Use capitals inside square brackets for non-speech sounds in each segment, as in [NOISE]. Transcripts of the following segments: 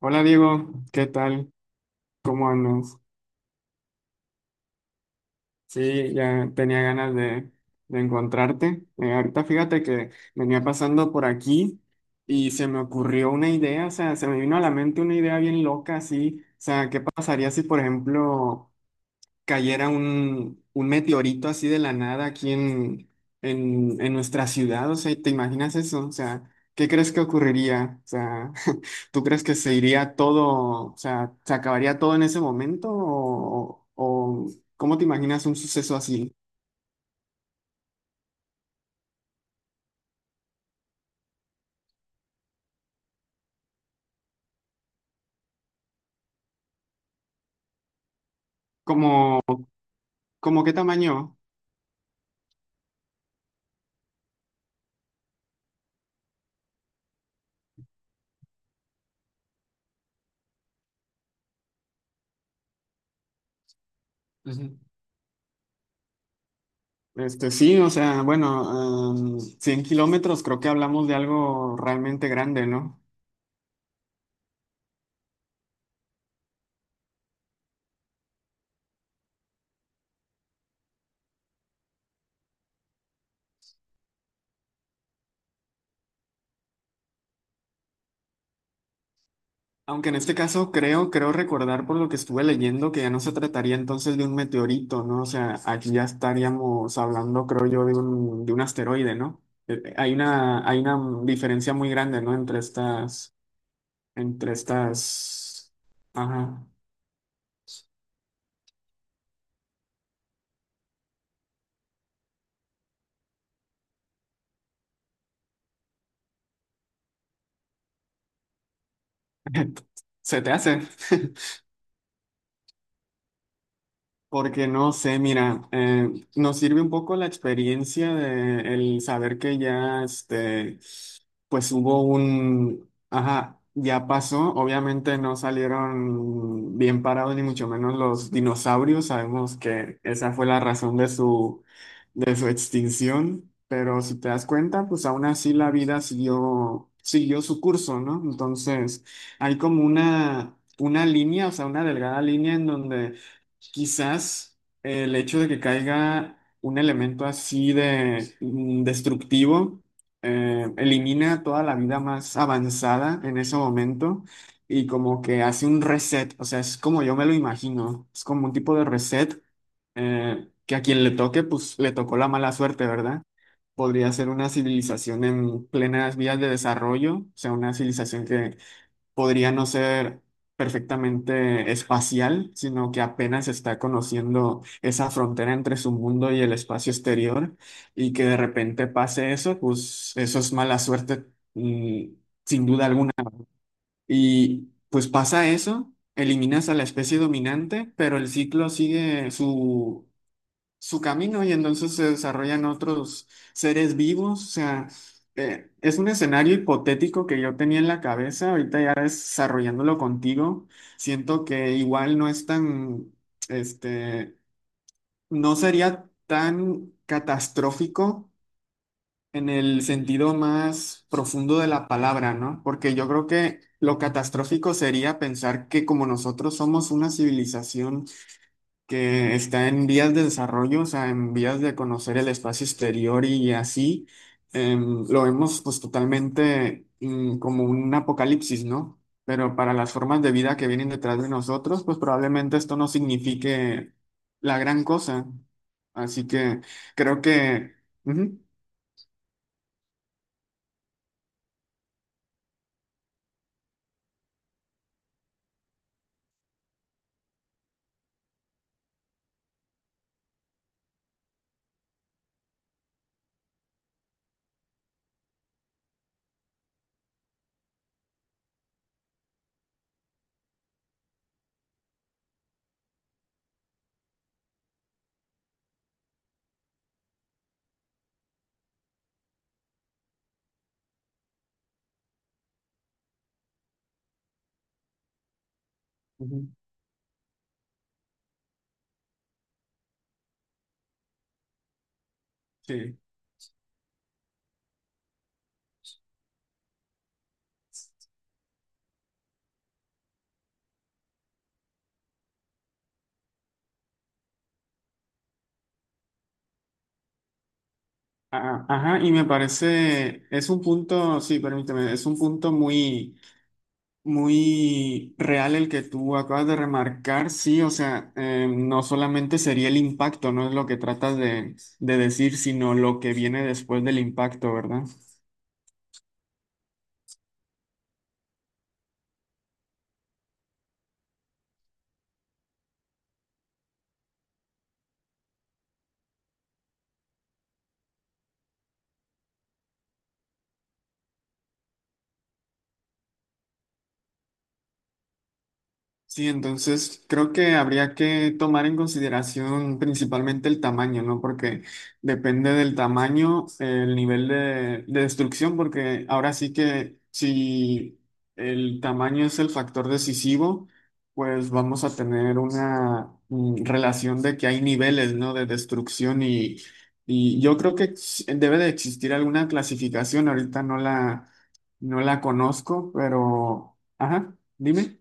Hola Diego, ¿qué tal? ¿Cómo andas? Sí, ya tenía ganas de encontrarte. Ahorita fíjate que venía pasando por aquí y se me ocurrió una idea, o sea, se me vino a la mente una idea bien loca, así, o sea, ¿qué pasaría si, por ejemplo, cayera un meteorito así de la nada aquí en nuestra ciudad? O sea, ¿te imaginas eso? O sea, ¿qué crees que ocurriría? O sea, [LAUGHS] ¿tú crees que se iría todo, o sea, se acabaría todo en ese momento? ¿O cómo te imaginas un suceso así? ¿Como, como qué tamaño? Ujú. Este, sí, o sea, bueno, 100 kilómetros, creo que hablamos de algo realmente grande, ¿no? Aunque en este caso creo recordar por lo que estuve leyendo que ya no se trataría entonces de un meteorito, ¿no? O sea, aquí ya estaríamos hablando, creo yo, de un asteroide, ¿no? Hay una diferencia muy grande, ¿no? Entre estas, ajá. [LAUGHS] ¿Se te hace? [LAUGHS] Porque no sé, mira, nos sirve un poco la experiencia de el saber que ya, este, pues hubo un, ajá, ya pasó. Obviamente no salieron bien parados ni mucho menos los dinosaurios. Sabemos que esa fue la razón de su extinción. Pero si te das cuenta, pues aún así la vida siguió su curso, ¿no? Entonces, hay como una línea, o sea, una delgada línea en donde quizás el hecho de que caiga un elemento así de destructivo elimina toda la vida más avanzada en ese momento y como que hace un reset, o sea, es como yo me lo imagino, es como un tipo de reset que a quien le toque, pues le tocó la mala suerte, ¿verdad? Podría ser una civilización en plenas vías de desarrollo, o sea, una civilización que podría no ser perfectamente espacial, sino que apenas está conociendo esa frontera entre su mundo y el espacio exterior, y que de repente pase eso, pues eso es mala suerte, mm, sin duda alguna. Y pues pasa eso, eliminas a la especie dominante, pero el ciclo sigue su camino y entonces se desarrollan otros seres vivos. O sea, es un escenario hipotético que yo tenía en la cabeza, ahorita ya desarrollándolo contigo, siento que igual no es tan, este, no sería tan catastrófico en el sentido más profundo de la palabra, ¿no? Porque yo creo que lo catastrófico sería pensar que como nosotros somos una civilización que está en vías de desarrollo, o sea, en vías de conocer el espacio exterior y así, lo vemos pues totalmente como un apocalipsis, ¿no? Pero para las formas de vida que vienen detrás de nosotros, pues probablemente esto no signifique la gran cosa. Así que creo que. Ujú, ujú, sí. Ajá, y me parece, es un punto, sí, permíteme, es un punto muy real el que tú acabas de remarcar, sí, o sea, no solamente sería el impacto, no es lo que tratas de decir, sino lo que viene después del impacto, ¿verdad? Sí, entonces creo que habría que tomar en consideración principalmente el tamaño, ¿no? Porque depende del tamaño, el nivel de destrucción, porque ahora sí que si el tamaño es el factor decisivo, pues vamos a tener una relación de que hay niveles, ¿no? De destrucción y yo creo que debe de existir alguna clasificación, ahorita no la, no la conozco, pero, ajá, dime.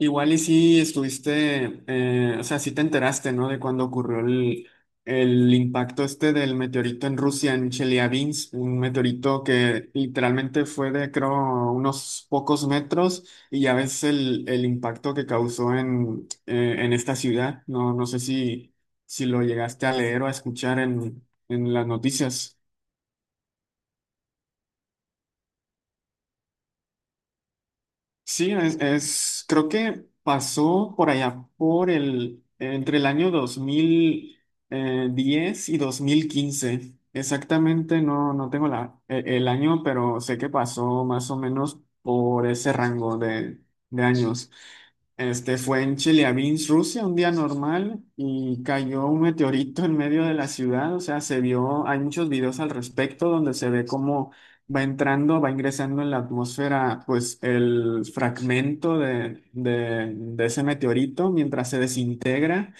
Igual y sí estuviste, o sea, sí te enteraste, ¿no? De cuando ocurrió el impacto este del meteorito en Rusia, en Chelyabinsk, un meteorito que literalmente fue de, creo, unos pocos metros y ya ves el impacto que causó en, en esta ciudad. No, no sé si, si lo llegaste a leer o a escuchar en las noticias. Sí, creo que pasó por allá, por el, entre el año dos mil diez y dos mil quince. Exactamente, no, no tengo la, el año, pero sé que pasó más o menos por ese rango de años. Este fue en Chelyabinsk, Rusia, un día normal y cayó un meteorito en medio de la ciudad, o sea, se vio, hay muchos videos al respecto donde se ve cómo va entrando, va ingresando en la atmósfera, pues el fragmento de ese meteorito mientras se desintegra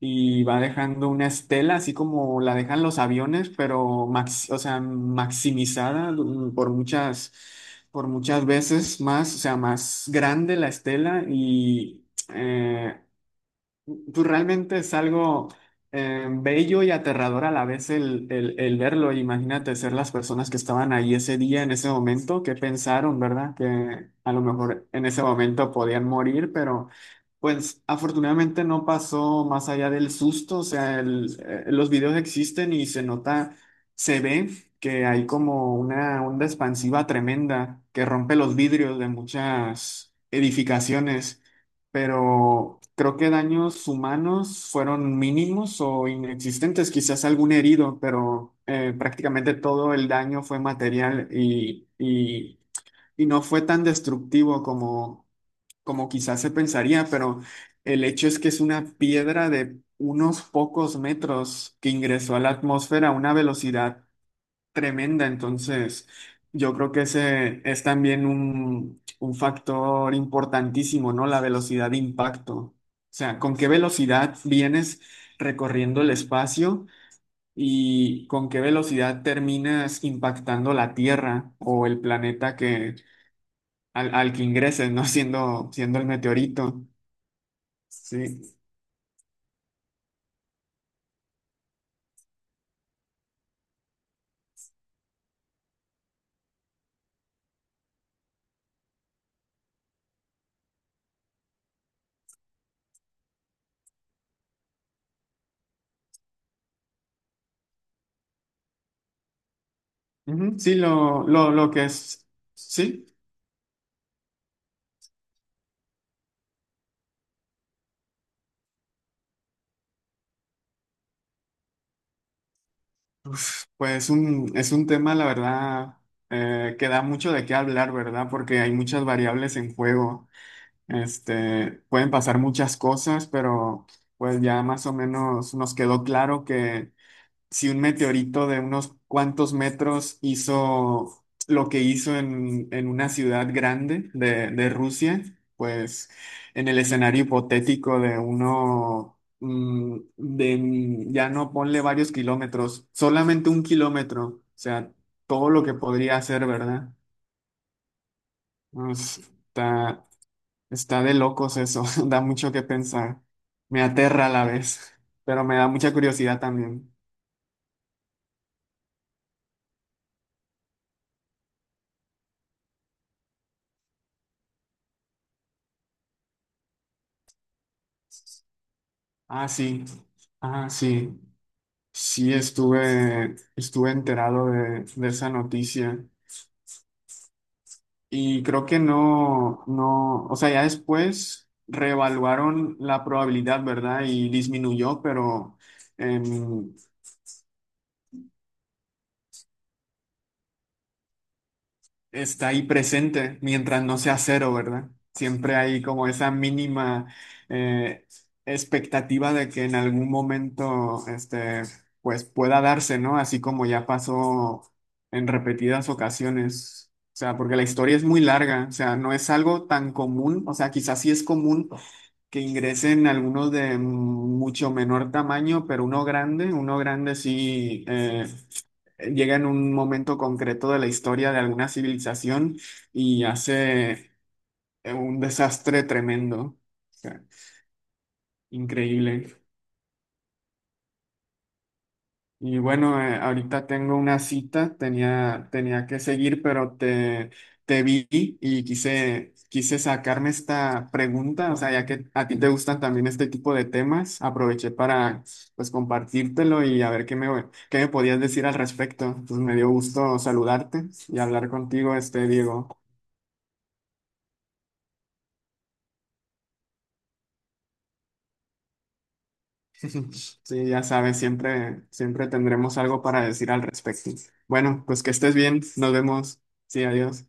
y va dejando una estela, así como la dejan los aviones, pero o sea, maximizada, por muchas veces más, o sea, más grande la estela y eh, pues realmente es algo bello y aterrador a la vez el verlo. Imagínate ser las personas que estaban ahí ese día, en ese momento, que pensaron, ¿verdad? Que a lo mejor en ese momento podían morir, pero pues afortunadamente no pasó más allá del susto. O sea, los videos existen y se nota, se ve que hay como una onda expansiva tremenda que rompe los vidrios de muchas edificaciones, pero creo que daños humanos fueron mínimos o inexistentes, quizás algún herido, pero prácticamente todo el daño fue material y no fue tan destructivo como quizás se pensaría, pero el hecho es que es una piedra de unos pocos metros que ingresó a la atmósfera a una velocidad tremenda. Entonces, yo creo que ese es también un factor importantísimo, ¿no? La velocidad de impacto. O sea, con qué velocidad vienes recorriendo el espacio y con qué velocidad terminas impactando la Tierra o el planeta que, al que ingreses, ¿no? [LAUGHS] Siendo el meteorito. Sí. Ujú, sí, lo que es. Sí. Pues es un tema, la verdad, que da mucho de qué hablar, ¿verdad? Porque hay muchas variables en juego. Pueden pasar muchas cosas, pero pues ya más o menos nos quedó claro que si un meteorito de unos cuantos metros hizo lo que hizo en una ciudad grande de Rusia, pues en el escenario hipotético de uno, de, ya no ponle varios kilómetros, solamente un kilómetro, o sea, todo lo que podría hacer, ¿verdad? Pues, está, está de locos eso, [LAUGHS] da mucho que pensar, me aterra a la vez, pero me da mucha curiosidad también. Ah, sí. Ah, sí. Sí, estuve enterado de esa noticia y creo que no, no, o sea, ya después reevaluaron la probabilidad, ¿verdad? Y disminuyó, pero está ahí presente mientras no sea cero, ¿verdad? Siempre hay como esa mínima eh, expectativa de que en algún momento, pues pueda darse, ¿no? Así como ya pasó en repetidas ocasiones. O sea, porque la historia es muy larga, o sea, no es algo tan común, o sea, quizás sí es común que ingresen algunos de mucho menor tamaño, pero uno grande sí, llega en un momento concreto de la historia de alguna civilización y hace un desastre tremendo. O sea, increíble. Y bueno, ahorita tengo una cita, tenía que seguir, pero te vi y quise sacarme esta pregunta, o sea, ya que a ti te gustan también este tipo de temas, aproveché para pues compartírtelo y a ver qué me podías decir al respecto. Pues me dio gusto saludarte y hablar contigo, este Diego. [LAUGHS] Sí, ya sabes, siempre, siempre tendremos algo para decir al respecto. Bueno, pues que estés bien, nos vemos. Sí, adiós.